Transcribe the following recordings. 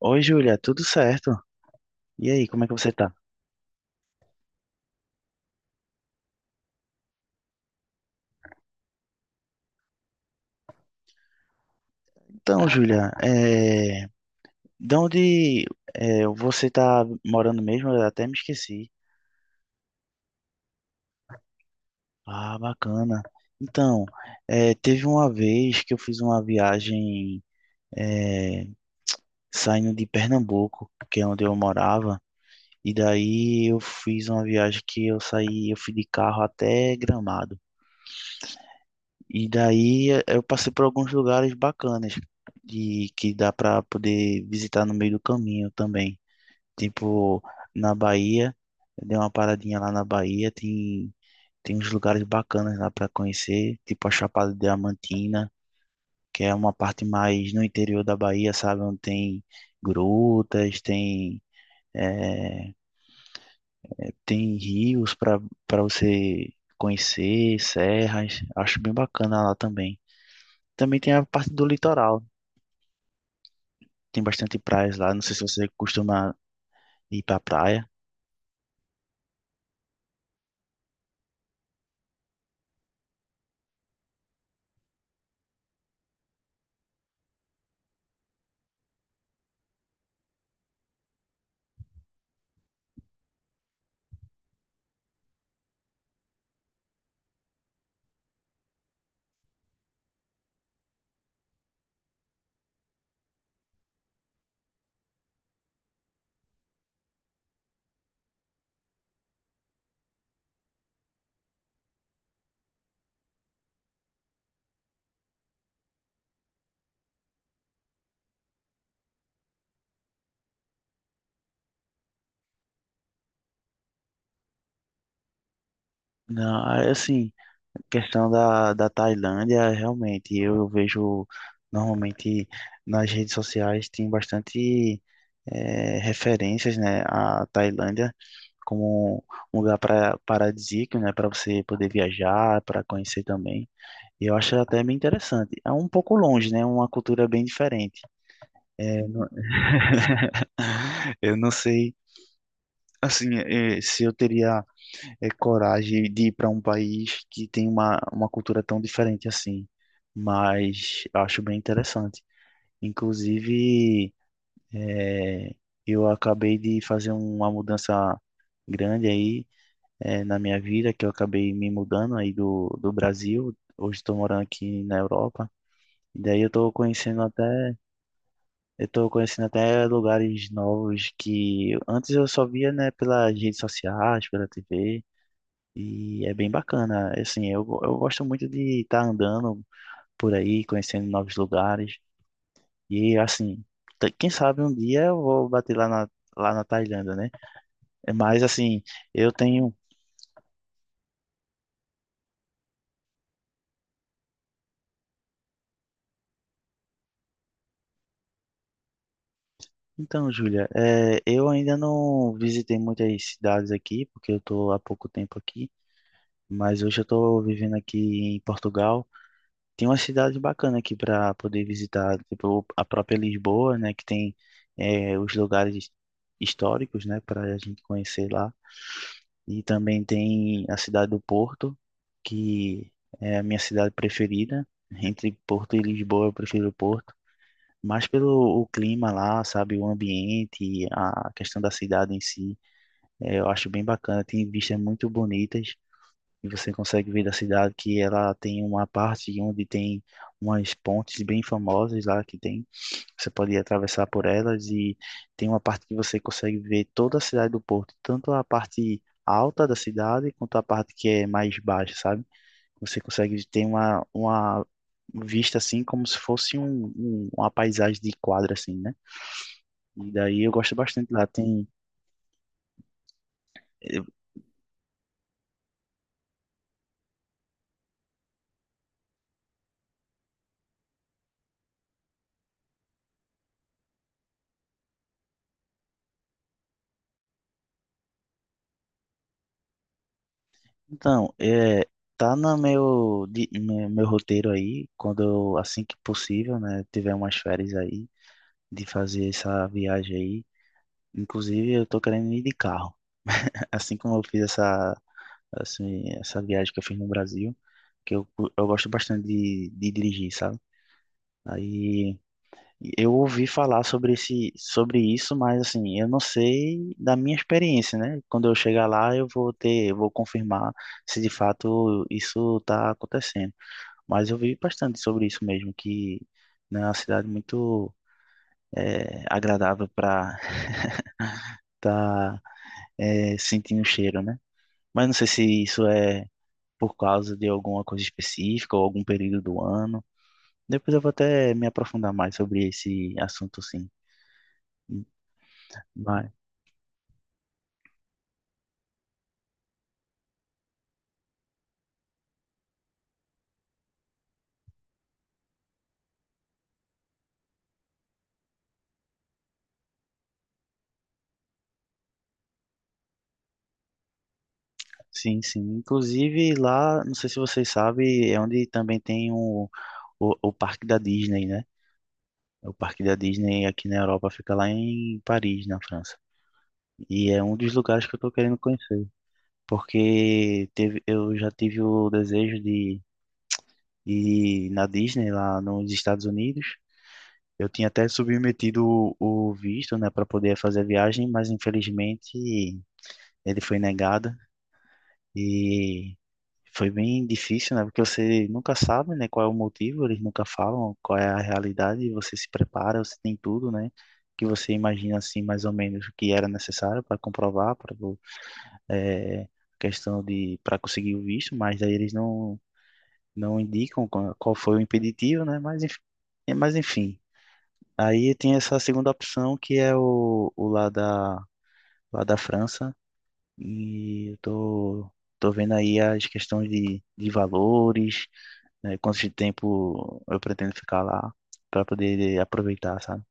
Oi, Júlia, tudo certo? E aí, como é que você tá? Então, Júlia, de onde você tá morando mesmo? Eu até me esqueci. Ah, bacana. Então, teve uma vez que eu fiz uma viagem é, saindo de Pernambuco, que é onde eu morava, e daí eu fiz uma viagem que eu saí, eu fui de carro até Gramado. E daí eu passei por alguns lugares bacanas de que dá para poder visitar no meio do caminho também. Tipo, na Bahia, eu dei uma paradinha lá na Bahia, tem uns lugares bacanas lá para conhecer, tipo a Chapada Diamantina, que é uma parte mais no interior da Bahia, sabe? Onde tem grutas, eh, tem rios para você conhecer, serras. Acho bem bacana lá também. Também tem a parte do litoral. Tem bastante praias lá. Não sei se você costuma ir pra praia. Não, aí, assim, questão da Tailândia, realmente, eu vejo normalmente nas redes sociais tem bastante referências, né, à Tailândia como um lugar para paradisíaco, né, para você poder viajar, para conhecer também. E eu acho até bem interessante. É um pouco longe, né, uma cultura bem diferente. Eu não sei, assim, se eu teria coragem de ir para um país que tem uma cultura tão diferente assim. Mas eu acho bem interessante. Inclusive, é, eu acabei de fazer uma mudança grande aí, na minha vida, que eu acabei me mudando aí do Brasil. Hoje estou morando aqui na Europa. E daí eu estou conhecendo até lugares novos que antes eu só via, né, pelas redes sociais, pela TV. E é bem bacana, assim, eu gosto muito de estar andando por aí, conhecendo novos lugares. E, assim, quem sabe um dia eu vou bater lá na Tailândia, né? É, mas, assim, eu tenho... Então, Júlia, é, eu ainda não visitei muitas cidades aqui, porque eu estou há pouco tempo aqui. Mas hoje eu estou vivendo aqui em Portugal. Tem uma cidade bacana aqui para poder visitar, tipo a própria Lisboa, né, que tem os lugares históricos, né, para a gente conhecer lá. E também tem a cidade do Porto, que é a minha cidade preferida. Entre Porto e Lisboa, eu prefiro Porto, mas pelo o clima lá, sabe, o ambiente, a questão da cidade em si, eu acho bem bacana. Tem vistas muito bonitas e você consegue ver da cidade que ela tem uma parte onde tem umas pontes bem famosas lá que tem. Você pode atravessar por elas e tem uma parte que você consegue ver toda a cidade do Porto, tanto a parte alta da cidade quanto a parte que é mais baixa, sabe? Você consegue ter uma vista assim como se fosse uma paisagem de quadra assim, né? E daí eu gosto bastante lá. Tem... Então, é, tá no no meu roteiro aí, quando eu, assim que possível, né, tiver umas férias aí, de fazer essa viagem aí. Inclusive, eu tô querendo ir de carro. Assim como eu fiz essa, assim, essa viagem que eu fiz no Brasil, que eu, eu gosto bastante de dirigir, sabe? Aí eu ouvi falar sobre esse, sobre isso, mas assim, eu não sei da minha experiência, né? Quando eu chegar lá, eu vou ter, eu vou confirmar se de fato isso está acontecendo. Mas eu vi bastante sobre isso mesmo, que né, é uma cidade muito agradável para estar sentindo o cheiro, né? Mas não sei se isso é por causa de alguma coisa específica ou algum período do ano. Depois eu vou até me aprofundar mais sobre esse assunto, sim. Mas... Sim, sim. Inclusive lá, não sei se vocês sabem, é onde também tem o Parque da Disney, né? O Parque da Disney aqui na Europa fica lá em Paris, na França. E é um dos lugares que eu tô querendo conhecer, porque teve, eu já tive o desejo de ir na Disney lá nos Estados Unidos. Eu tinha até submetido o visto, né, para poder fazer a viagem, mas infelizmente ele foi negado. E foi bem difícil, né? Porque você nunca sabe, né, qual é o motivo, eles nunca falam qual é a realidade, e você se prepara, você tem tudo, né? Que você imagina assim mais ou menos o que era necessário para comprovar, para é, questão de para conseguir o visto, mas aí eles não indicam qual foi o impeditivo, né? Mas enfim, é, mas enfim. Aí tem essa segunda opção que é o lá da França e eu tô vendo aí as questões de valores, né, quanto de tempo eu pretendo ficar lá para poder aproveitar, sabe?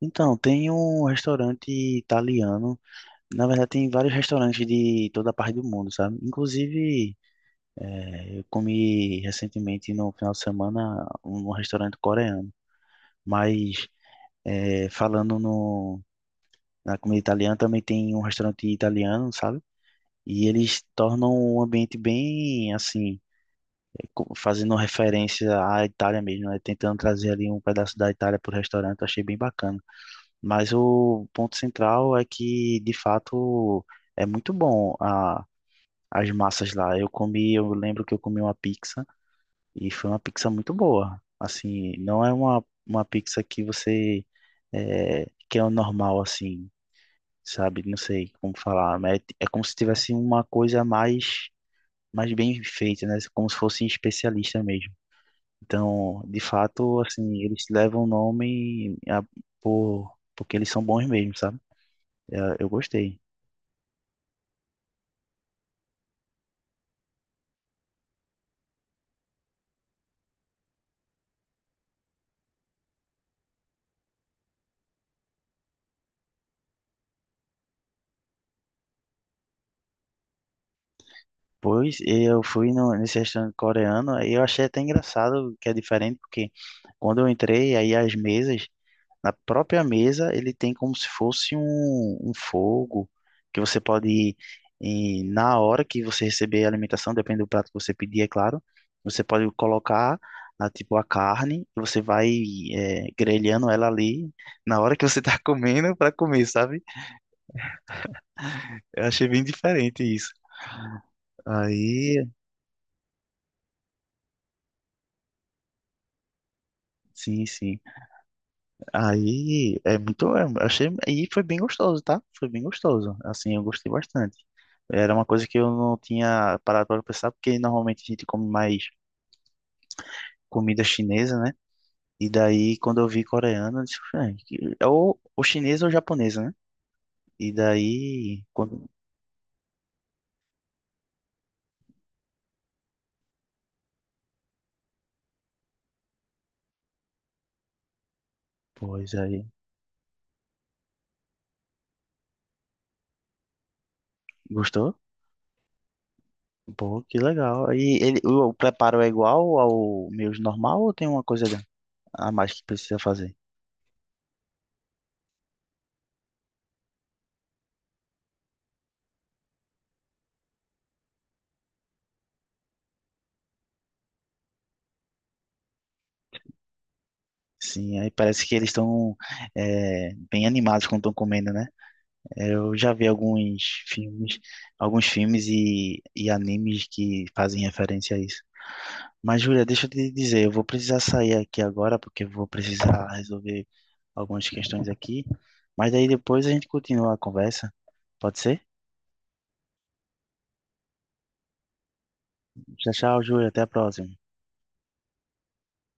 Então, tem um restaurante italiano. Na verdade, tem vários restaurantes de toda a parte do mundo, sabe? Inclusive, eu comi recentemente no final de semana um restaurante coreano. Mas, falando no, na comida italiana, também tem um restaurante italiano, sabe? E eles tornam um ambiente bem assim, fazendo referência à Itália mesmo, né? Tentando trazer ali um pedaço da Itália para o restaurante, eu achei bem bacana. Mas o ponto central é que, de fato, é muito bom as massas lá. Eu comi, eu lembro que eu comi uma pizza e foi uma pizza muito boa. Assim, não é uma pizza que que é o normal assim, sabe? Não sei como falar, mas é como se tivesse uma coisa a mais, mas bem feita, né? Como se fosse especialista mesmo. Então, de fato, assim, eles levam por, porque eles são bons mesmo, sabe? Eu gostei. Pois eu fui no, nesse restaurante coreano e eu achei até engraçado que é diferente, porque quando eu entrei, aí as mesas... Na própria mesa, ele tem como se fosse um fogo que você pode, na hora que você receber a alimentação, depende do prato que você pedir, é claro, você pode colocar tipo a carne e você vai grelhando ela ali na hora que você tá comendo para comer, sabe? Eu achei bem diferente isso. Aí, sim, sim. Aí é muito. É, achei, e foi bem gostoso, tá? Foi bem gostoso. Assim, eu gostei bastante. Era uma coisa que eu não tinha parado para pensar, porque normalmente a gente come mais comida chinesa, né? E daí, quando eu vi coreano, eu disse, "Ah, ou chinesa ou japonesa, né? E daí, quando, pois aí, gostou? Pô, que legal. E ele, o preparo é igual ao meu normal ou tem uma coisa a mais que precisa fazer? Sim, aí parece que eles estão bem animados quando estão comendo, né? Eu já vi filmes, alguns filmes e animes que fazem referência a isso. Mas, Júlia, deixa eu te dizer, eu vou precisar sair aqui agora, porque eu vou precisar resolver algumas questões aqui. Mas daí depois a gente continua a conversa. Pode ser? Tchau, tchau, Júlia. Até a próxima.